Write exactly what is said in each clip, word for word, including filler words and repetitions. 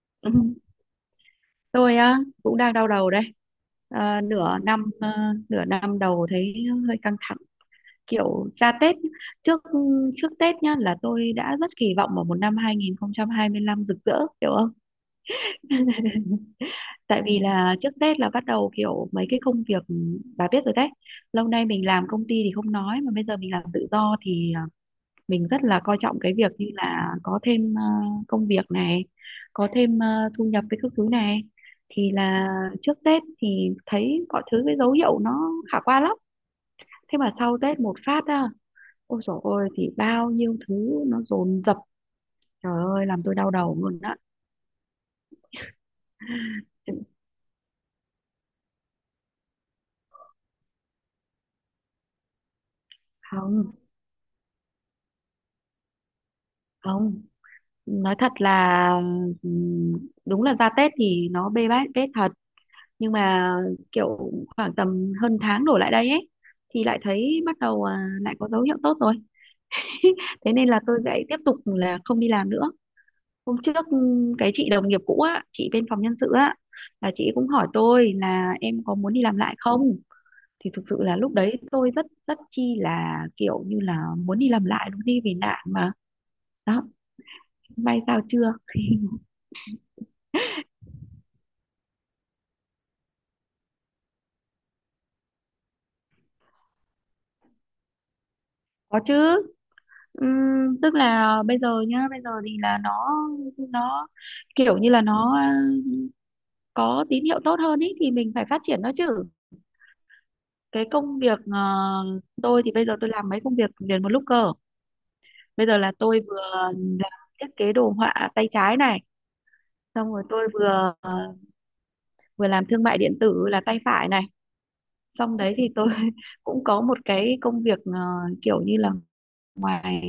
Ừ, tôi á cũng đang đau đầu đây. Ờ, nửa năm ờ, nửa năm đầu thấy hơi căng thẳng, kiểu ra Tết nhá. Trước trước Tết nhá, là tôi đã rất kỳ vọng vào một năm hai không hai lăm rực rỡ, hiểu không? Tại vì là trước Tết là bắt đầu kiểu mấy cái công việc, bà biết rồi đấy. Lâu nay mình làm công ty thì không nói, mà bây giờ mình làm tự do thì mình rất là coi trọng cái việc như là có thêm ờ, công việc này, có thêm ờ, thu nhập với các thứ này. Thì là trước Tết thì thấy mọi thứ, cái dấu hiệu nó khả quan lắm, thế mà sau Tết một phát á, ôi dồi ôi, thì bao nhiêu thứ nó dồn dập, trời ơi làm tôi đau đầu luôn á. Không, không, nói thật là ừm, đúng là ra Tết thì nó bê bết Tết thật, nhưng mà kiểu khoảng tầm hơn tháng đổ lại đây ấy, thì lại thấy bắt đầu, à, lại có dấu hiệu tốt rồi. Thế nên là tôi lại tiếp tục là không đi làm nữa. Hôm trước ừm, cái chị đồng nghiệp cũ á, chị bên phòng nhân sự á, là chị cũng hỏi tôi là em có muốn đi làm lại không, thì thực sự là lúc đấy tôi rất rất chi là kiểu như là muốn đi làm lại luôn đi vì nạn mà. Đó, may sao chưa. Có chứ. Ừm, tức là bây giờ nhá, bây giờ thì là nó nó kiểu như là nó ờ, có tín hiệu tốt hơn ý, thì mình phải phát triển nó chứ. Cái công việc ờ, tôi thì bây giờ tôi làm mấy công việc liền một lúc cơ. Bây giờ là tôi vừa làm thiết kế đồ họa tay trái này, xong rồi tôi vừa ờ, vừa làm thương mại điện tử là tay phải này, xong đấy thì tôi cũng có một cái công việc ờ, kiểu như là ngoài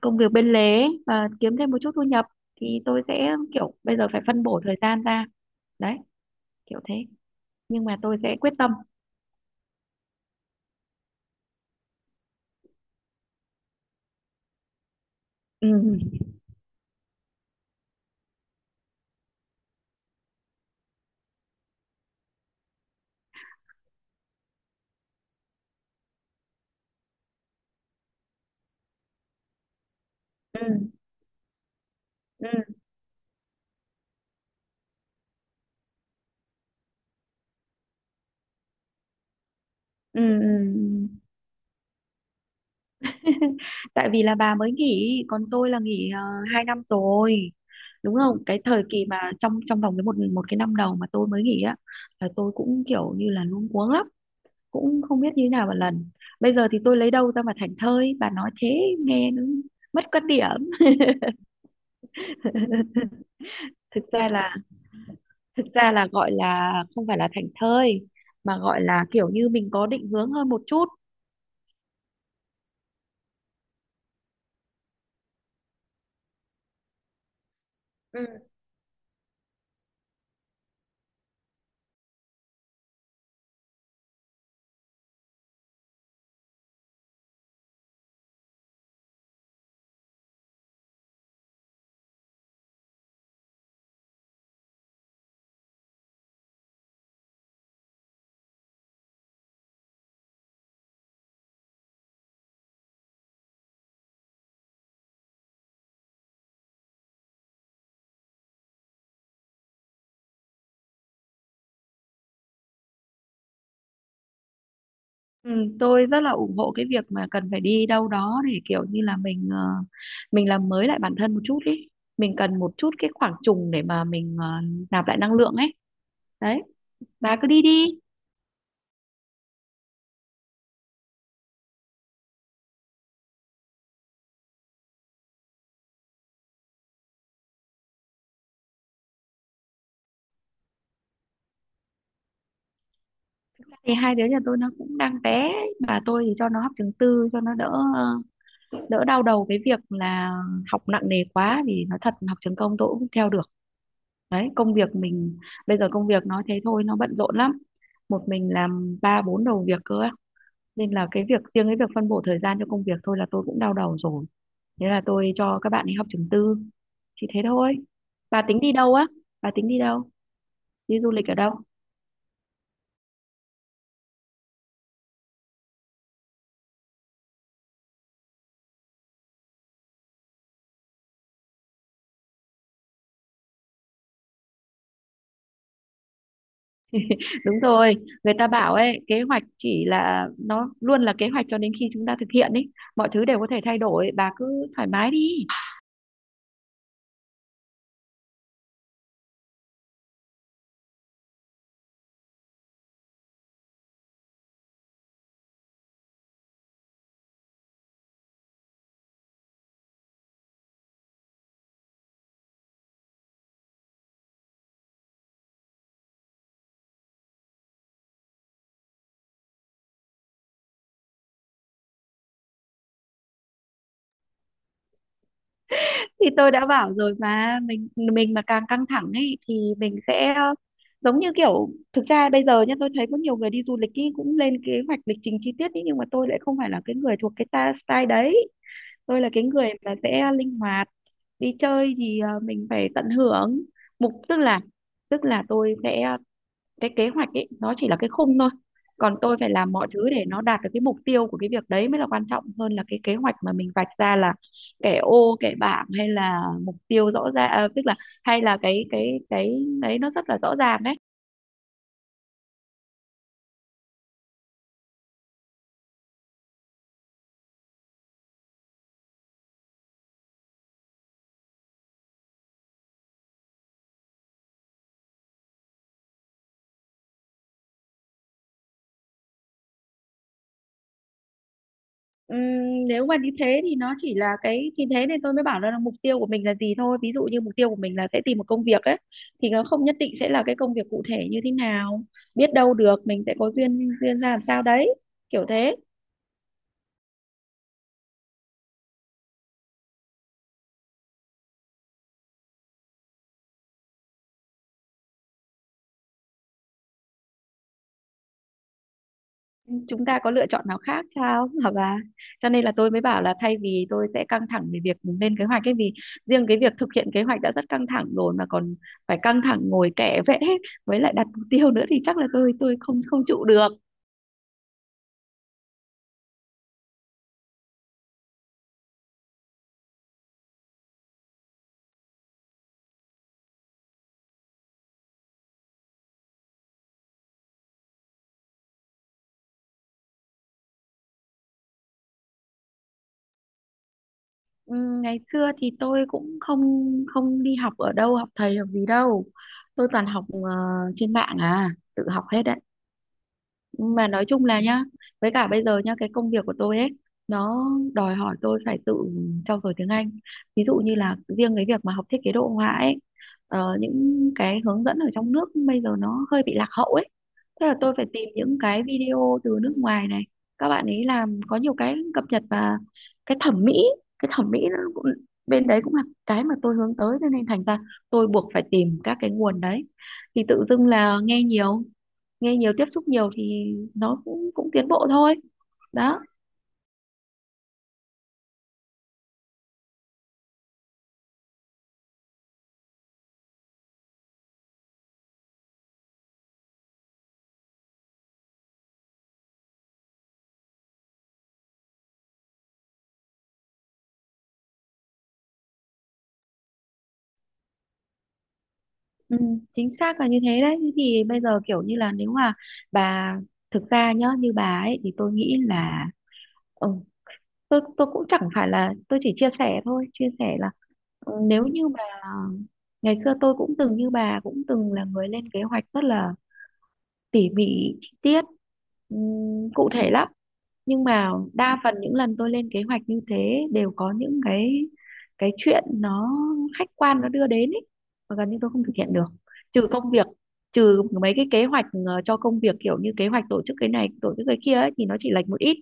công việc bên lề và kiếm thêm một chút thu nhập, thì tôi sẽ kiểu bây giờ phải phân bổ thời gian ra, đấy, kiểu thế. Nhưng mà tôi sẽ quyết tâm. Ừ. Ừ. Ừ. Ừ. Ừ. Tại vì là bà mới nghỉ, còn tôi là nghỉ uh, hai năm rồi, đúng không? Cái thời kỳ mà trong trong vòng cái một một cái năm đầu mà tôi mới nghỉ á, là tôi cũng kiểu như là luống cuống lắm, cũng không biết như thế nào một lần. Bây giờ thì tôi lấy đâu ra mà thảnh thơi, bà nói thế nghe nó mất quan điểm. Thực ra là, thực ra là gọi là không phải là thảnh thơi, mà gọi là kiểu như mình có định hướng hơn một chút. Ừ, tôi rất là ủng hộ cái việc mà cần phải đi đâu đó để kiểu như là mình ờ, mình làm mới lại bản thân một chút ý, mình cần một chút cái khoảng trùng để mà mình ờ, nạp lại năng lượng ấy, đấy, bà cứ đi đi. Thì hai đứa nhà tôi nó cũng đang bé, bà, tôi thì cho nó học trường tư cho nó đỡ ờ, đỡ đau đầu cái việc là học nặng nề quá, vì nó thật, học trường công tôi cũng không theo được, đấy công việc mình, bây giờ công việc nói thế thôi nó bận rộn lắm, một mình làm ba bốn đầu việc cơ á. Nên là cái việc riêng, cái việc phân bổ thời gian cho công việc thôi là tôi cũng đau đầu rồi, thế là tôi cho các bạn đi học trường tư, chỉ thế thôi. Bà tính đi đâu á, bà tính đi đâu, đi du lịch ở đâu? Đúng rồi, người ta bảo ấy, kế hoạch chỉ là nó luôn là kế hoạch cho đến khi chúng ta thực hiện ấy, mọi thứ đều có thể thay đổi, bà cứ thoải mái đi. Thì tôi đã bảo rồi mà, mình mình mà càng căng thẳng ấy thì mình sẽ ờ, giống như kiểu, thực ra bây giờ nhá tôi thấy có nhiều người đi du lịch ý, cũng lên kế hoạch lịch trình chi tiết ý, nhưng mà tôi lại không phải là cái người thuộc cái ta style đấy, tôi là cái người là sẽ linh hoạt. Đi chơi thì ờ, mình phải tận hưởng. Mục, tức là, tức là tôi sẽ, cái kế hoạch ấy nó chỉ là cái khung thôi, còn tôi phải làm mọi thứ để nó đạt được cái mục tiêu của cái việc đấy mới là quan trọng hơn là cái kế hoạch mà mình vạch ra là kẻ ô kẻ bảng, hay là mục tiêu rõ ràng, à, tức là, hay là cái cái cái đấy nó rất là rõ ràng đấy. Ừm, nếu mà như thế thì nó chỉ là cái, thì thế nên tôi mới bảo là mục tiêu của mình là gì thôi, ví dụ như mục tiêu của mình là sẽ tìm một công việc ấy, thì nó không nhất định sẽ là cái công việc cụ thể như thế nào, biết đâu được mình sẽ có duyên, duyên ra làm sao đấy, kiểu thế. Chúng ta có lựa chọn nào khác sao hả bà, cho nên là tôi mới bảo là thay vì tôi sẽ căng thẳng về việc lên kế hoạch ấy, vì riêng cái việc thực hiện kế hoạch đã rất căng thẳng rồi, mà còn phải căng thẳng ngồi kẻ vẽ với lại đặt mục tiêu nữa thì chắc là tôi tôi không không trụ được. Ừ, ngày xưa thì tôi cũng không không đi học ở đâu, học thầy học gì đâu, tôi toàn học ờ, trên mạng à, tự học hết đấy. Nhưng mà nói chung là nhá, với cả bây giờ nhá, cái công việc của tôi ấy nó đòi hỏi tôi phải tự trau dồi tiếng Anh. Ví dụ như là riêng cái việc mà học thiết kế đồ họa ấy, ờ, những cái hướng dẫn ở trong nước bây giờ nó hơi bị lạc hậu ấy, thế là tôi phải tìm những cái video từ nước ngoài này, các bạn ấy làm có nhiều cái cập nhật, và cái thẩm mỹ, cái thẩm mỹ nó cũng bên đấy cũng là cái mà tôi hướng tới, cho nên thành ra tôi buộc phải tìm các cái nguồn đấy. Thì tự dưng là nghe nhiều, nghe nhiều tiếp xúc nhiều thì nó cũng cũng tiến bộ thôi, đó. Ừ, chính xác là như thế đấy. Thế thì bây giờ kiểu như là nếu mà bà, thực ra nhá như bà ấy thì tôi nghĩ là, ừ, tôi tôi cũng chẳng phải là, tôi chỉ chia sẻ thôi, chia sẻ là, ừ, nếu như mà ngày xưa tôi cũng từng như bà, cũng từng là người lên kế hoạch rất là tỉ mỉ, chi tiết, ừm, cụ thể lắm. Nhưng mà đa phần những lần tôi lên kế hoạch như thế đều có những cái cái chuyện nó khách quan nó đưa đến ấy, và gần như tôi không thực hiện được. Trừ công việc, trừ mấy cái kế hoạch ờ, cho công việc kiểu như kế hoạch tổ chức cái này tổ chức cái kia ấy, thì nó chỉ lệch một ít,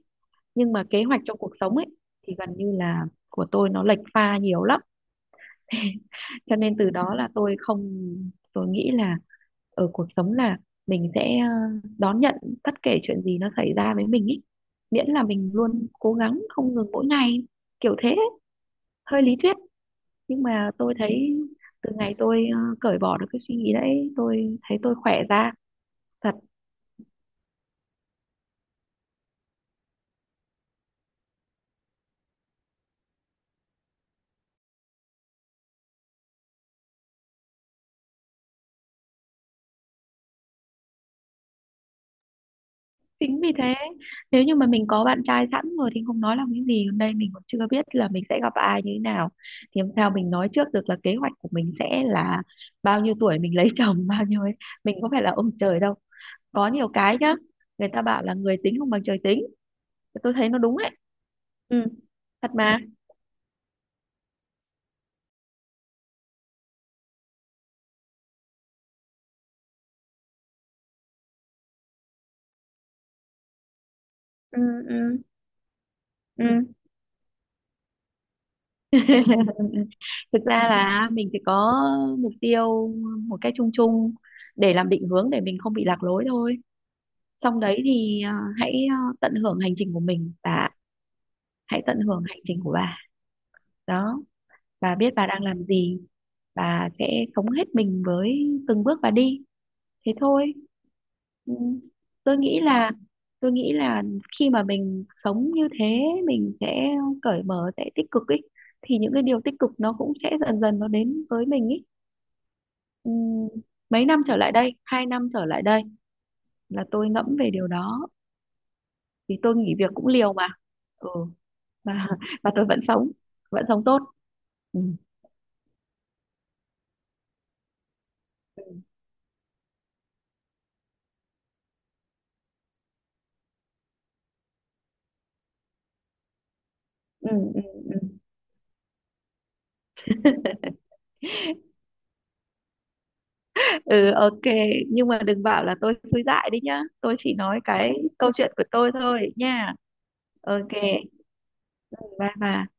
nhưng mà kế hoạch cho cuộc sống ấy thì gần như là của tôi nó lệch pha nhiều lắm. Cho nên từ đó là tôi không, tôi nghĩ là ở cuộc sống là mình sẽ ờ, đón nhận bất kể chuyện gì nó xảy ra với mình ý, miễn là mình luôn cố gắng không ngừng mỗi ngày, kiểu thế. Hơi lý thuyết, nhưng mà tôi thấy từ ngày tôi ờ, cởi bỏ được cái suy nghĩ đấy, tôi thấy tôi khỏe ra thật. Chính vì thế, nếu như mà mình có bạn trai sẵn rồi thì không nói làm cái gì, còn đây mình còn chưa biết là mình sẽ gặp ai như thế nào, thì làm sao mình nói trước được là kế hoạch của mình sẽ là bao nhiêu tuổi mình lấy chồng bao nhiêu ấy, mình có phải là ông trời đâu. Có nhiều cái nhá, người ta bảo là người tính không bằng trời tính, tôi thấy nó đúng ấy. Ừ, thật mà. Ừ. Ừ. Ừ. Thực ra là mình chỉ có mục tiêu một cách chung chung để làm định hướng để mình không bị lạc lối thôi, xong đấy thì, à, hãy, à, tận hưởng hành trình của mình, và hãy tận hưởng hành trình của bà, đó. Bà biết bà đang làm gì, bà sẽ sống hết mình với từng bước bà đi, thế thôi. Ừ. tôi nghĩ là tôi nghĩ là khi mà mình sống như thế, mình sẽ cởi mở, sẽ tích cực ấy, thì những cái điều tích cực nó cũng sẽ dần dần nó đến với mình ấy. Ừm, mấy năm trở lại đây, hai năm trở lại đây là tôi ngẫm về điều đó, vì tôi nghỉ việc cũng liều mà. Ừ, và và tôi vẫn sống, vẫn sống tốt. Ừ. Ừ. Ừ. Ừ. Ừ. Ừ, ok. Nhưng mà đừng bảo là tôi suy dại đi nhá, tôi chỉ nói cái câu chuyện của tôi thôi nha. Ok, bye bye.